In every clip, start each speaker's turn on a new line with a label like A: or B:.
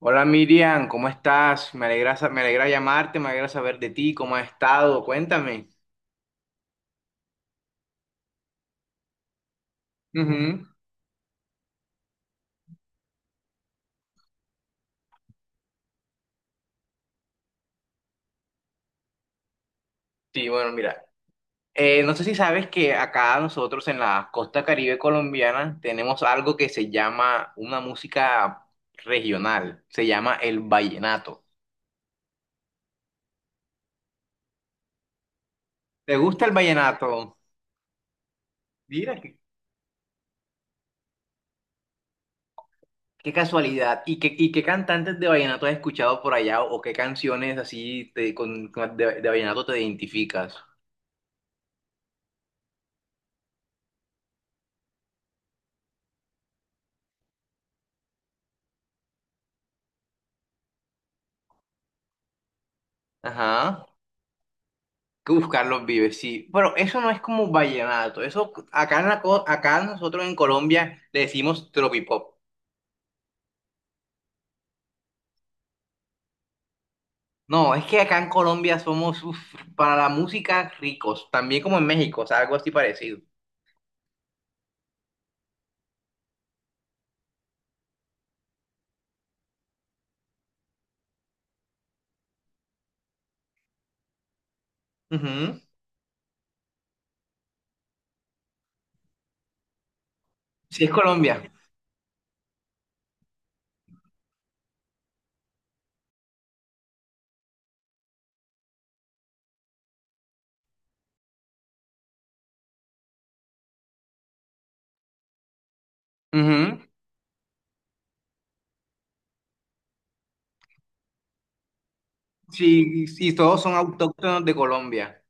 A: Hola Miriam, ¿cómo estás? Me alegra, me alegra llamarte, me alegra saber de ti, cómo has estado, cuéntame. Ujú. Sí, bueno, mira, no sé si sabes que acá nosotros en la costa Caribe colombiana tenemos algo que se llama una música regional, se llama el vallenato. ¿Te gusta el vallenato? Mira, qué, qué casualidad. Y qué cantantes de vallenato has escuchado por allá o qué canciones así de vallenato te identificas? Ajá. Uf, Carlos Vives, sí. Pero eso no es como vallenato. Eso acá, en acá nosotros en Colombia le decimos tropipop. No, es que acá en Colombia somos uf, para la música ricos. También como en México, o sea, algo así parecido. Ujú. Sí, es Colombia. Ujú. Sí, sí, todos son autóctonos de Colombia.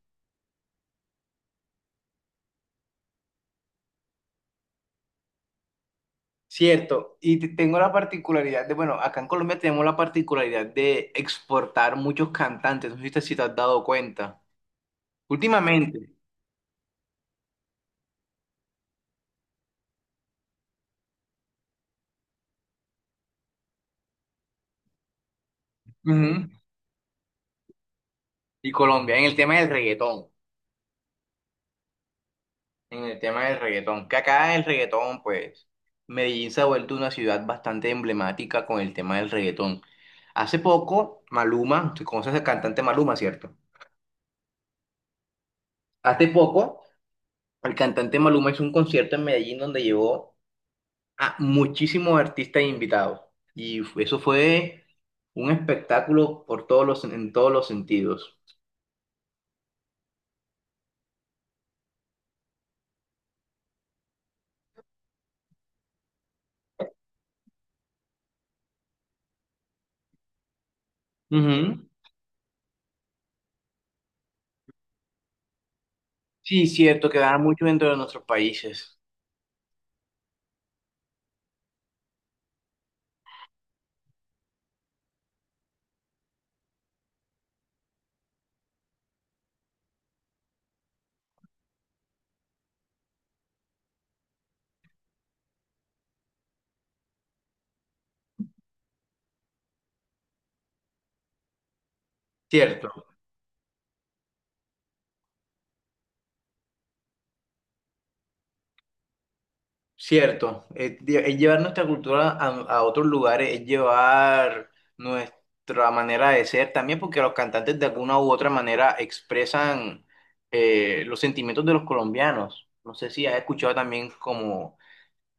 A: Cierto. Y tengo la particularidad de, bueno, acá en Colombia tenemos la particularidad de exportar muchos cantantes. No sé si te, si te has dado cuenta. Últimamente. Y Colombia, en el tema del reggaetón, en el tema del reggaetón, que acá el reggaetón, pues, Medellín se ha vuelto una ciudad bastante emblemática con el tema del reggaetón. Hace poco, Maluma, tú conoces al cantante Maluma, ¿cierto? Hace poco, el cantante Maluma hizo un concierto en Medellín donde llevó a muchísimos artistas e invitados. Y eso fue un espectáculo por todos los, en todos los sentidos. Ujú. Sí, cierto, que gana mucho dentro de nuestros países. Cierto. Cierto, es, es llevar nuestra cultura a otros lugares, es llevar nuestra manera de ser también, porque los cantantes de alguna u otra manera expresan los sentimientos de los colombianos. No sé si has escuchado también como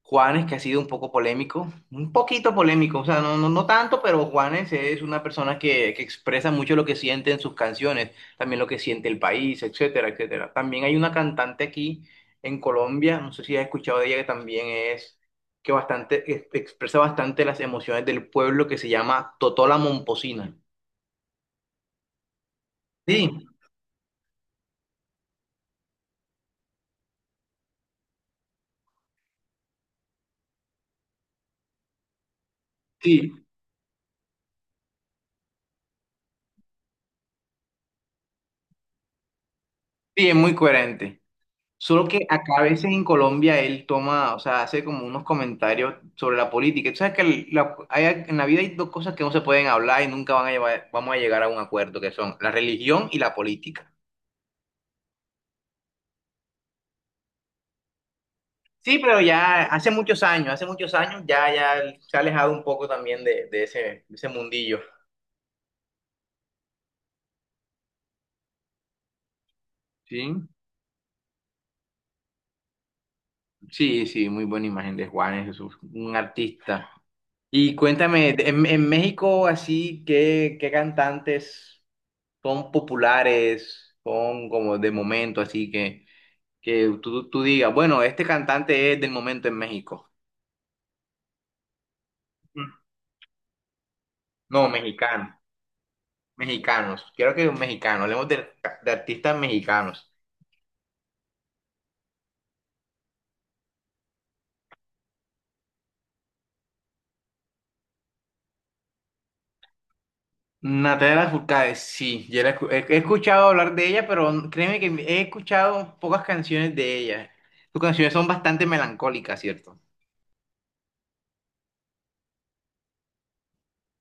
A: Juanes, que ha sido un poco polémico, un poquito polémico, o sea, no, no, no tanto, pero Juanes es una persona que expresa mucho lo que siente en sus canciones, también lo que siente el país, etcétera, etcétera. También hay una cantante aquí en Colombia, no sé si has escuchado de ella, que también es, que bastante, que expresa bastante las emociones del pueblo, que se llama Totó la Momposina. Sí, sí, sí, es muy coherente. Solo que acá a veces en Colombia él toma, o sea, hace como unos comentarios sobre la política. Tú sabes que en la vida hay dos cosas que no se pueden hablar y nunca vamos a llegar a un acuerdo, que son la religión y la política. Sí, pero ya hace muchos años ya, ya él se ha alejado un poco también de ese mundillo. Sí, sí, sí, muy buena imagen de Juanes, es un artista. Y cuéntame, en México así, ¿qué, qué cantantes son populares, son como de momento, así que tú digas, bueno, este cantante es del momento en México? Mm. No, mexicano, mexicanos, quiero que mexicano hablemos de artistas mexicanos. Natalia Furcade, sí, he, he escuchado hablar de ella, pero créeme que he escuchado pocas canciones de ella. Sus canciones son bastante melancólicas, ¿cierto?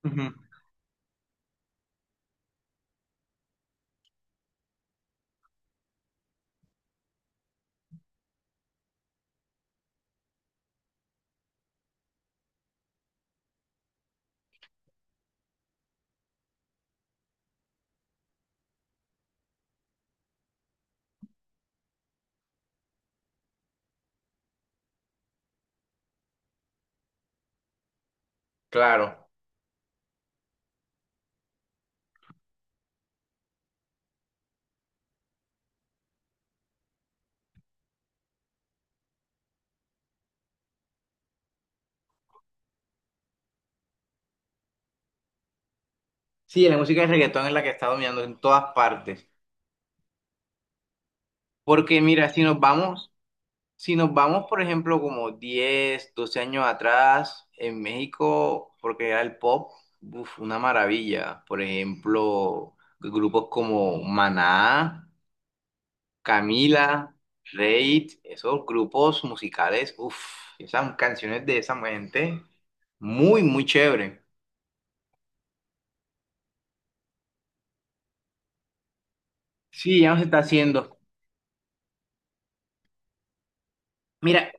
A: Ujú. Claro. Sí, la música de reggaetón es la que está dominando en todas partes. Porque mira, si nos vamos, si nos vamos, por ejemplo, como 10 12 años atrás, en México, porque era el pop, uf, una maravilla. Por ejemplo, grupos como Maná, Camila, Reid, esos grupos musicales, uff, esas canciones de esa gente, muy, muy chévere. Sí, ya no se está haciendo. Mira,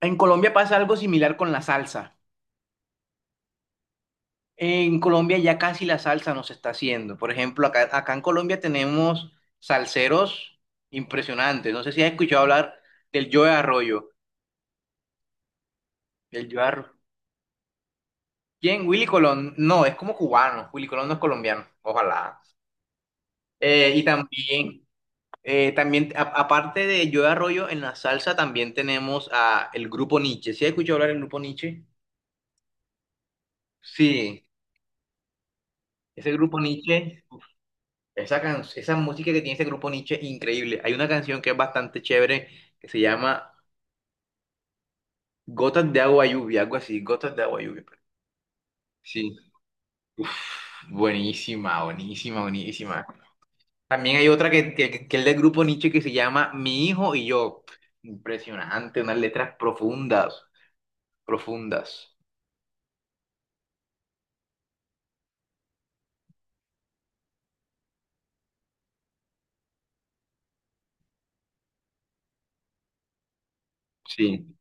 A: en Colombia pasa algo similar con la salsa. En Colombia ya casi la salsa nos está haciendo. Por ejemplo, acá, acá en Colombia tenemos salseros impresionantes. No sé si has escuchado hablar del Joe Arroyo. El Joe Arroyo. ¿Quién? Willy Colón. No, es como cubano. Willy Colón no es colombiano. Ojalá. Y también, también aparte de Joe Arroyo, en la salsa también tenemos a el grupo Nietzsche. ¿Sí has escuchado hablar del grupo Nietzsche? Sí, ese grupo Nietzsche. Esa, esa música que tiene ese grupo Nietzsche, increíble. Hay una canción que es bastante chévere que se llama Gotas de agua lluvia, algo así, Gotas de agua lluvia. Sí, uf, buenísima, buenísima, buenísima. También hay otra que es del grupo Nietzsche que se llama Mi hijo y yo. Impresionante, unas letras profundas, profundas. Sí.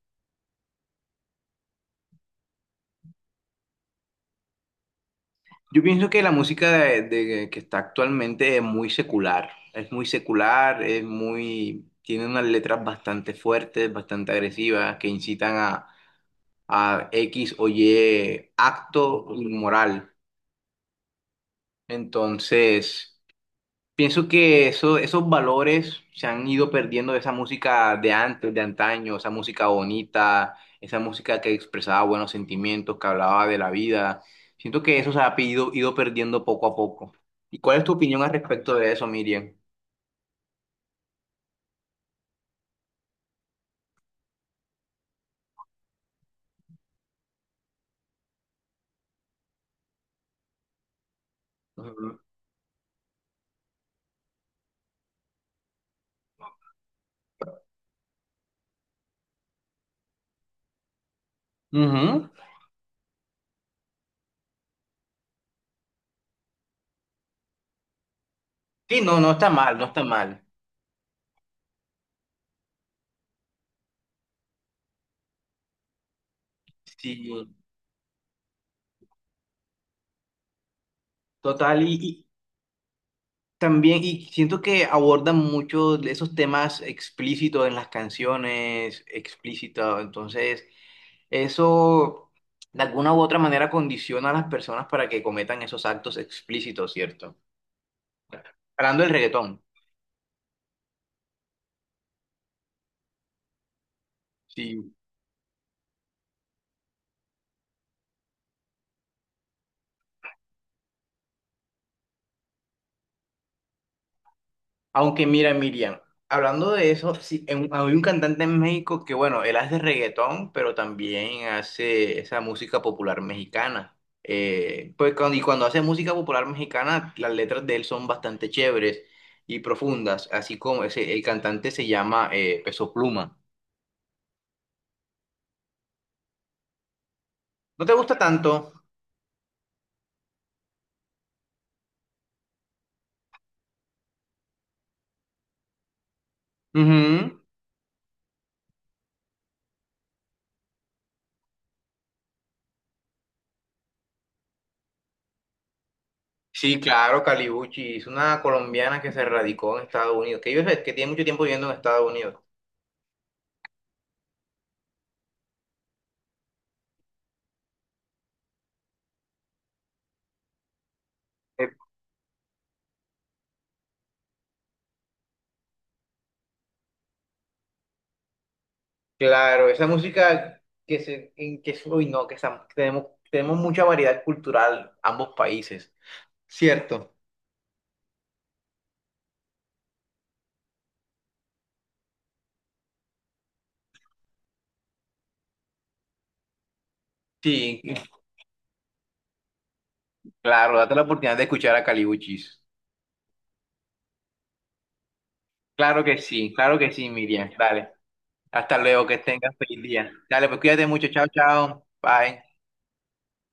A: Yo pienso que la música de, que está actualmente es muy secular, es muy secular, es muy, tiene unas letras bastante fuertes, bastante agresivas, que incitan a X o Y acto inmoral. Entonces, pienso que eso, esos valores se han ido perdiendo de esa música de antes, de antaño, esa música bonita, esa música que expresaba buenos sentimientos, que hablaba de la vida. Siento que eso se ha ido, ido perdiendo poco a poco. ¿Y cuál es tu opinión al respecto de eso, Miriam? Ujú. Ujú. Sí, no, no está mal, no está mal. Sí, total. Y también, y siento que abordan mucho de esos temas explícitos en las canciones, explícitos. Entonces, eso de alguna u otra manera condiciona a las personas para que cometan esos actos explícitos, ¿cierto? Hablando del reggaetón, sí. Aunque mira, Miriam, hablando de eso, sí, hay un cantante en México que, bueno, él hace reggaetón, pero también hace esa música popular mexicana. Pues cuando, y cuando hace música popular mexicana, las letras de él son bastante chéveres y profundas, así como ese, el cantante se llama Peso Pluma. ¿No te gusta tanto? Ujú. Sí, claro, Calibuchi, es una colombiana que se radicó en Estados Unidos, que, que tiene mucho tiempo viviendo en Estados Unidos. Eh, Claro, esa música que se, en que, uy, no, tenemos, tenemos mucha variedad cultural, ambos países. Cierto. Sí, claro, date la oportunidad de escuchar a Calibuchis. Claro que sí, Miriam. Dale. Hasta luego, que tengas feliz día. Dale, pues cuídate mucho. Chao, chao. Bye.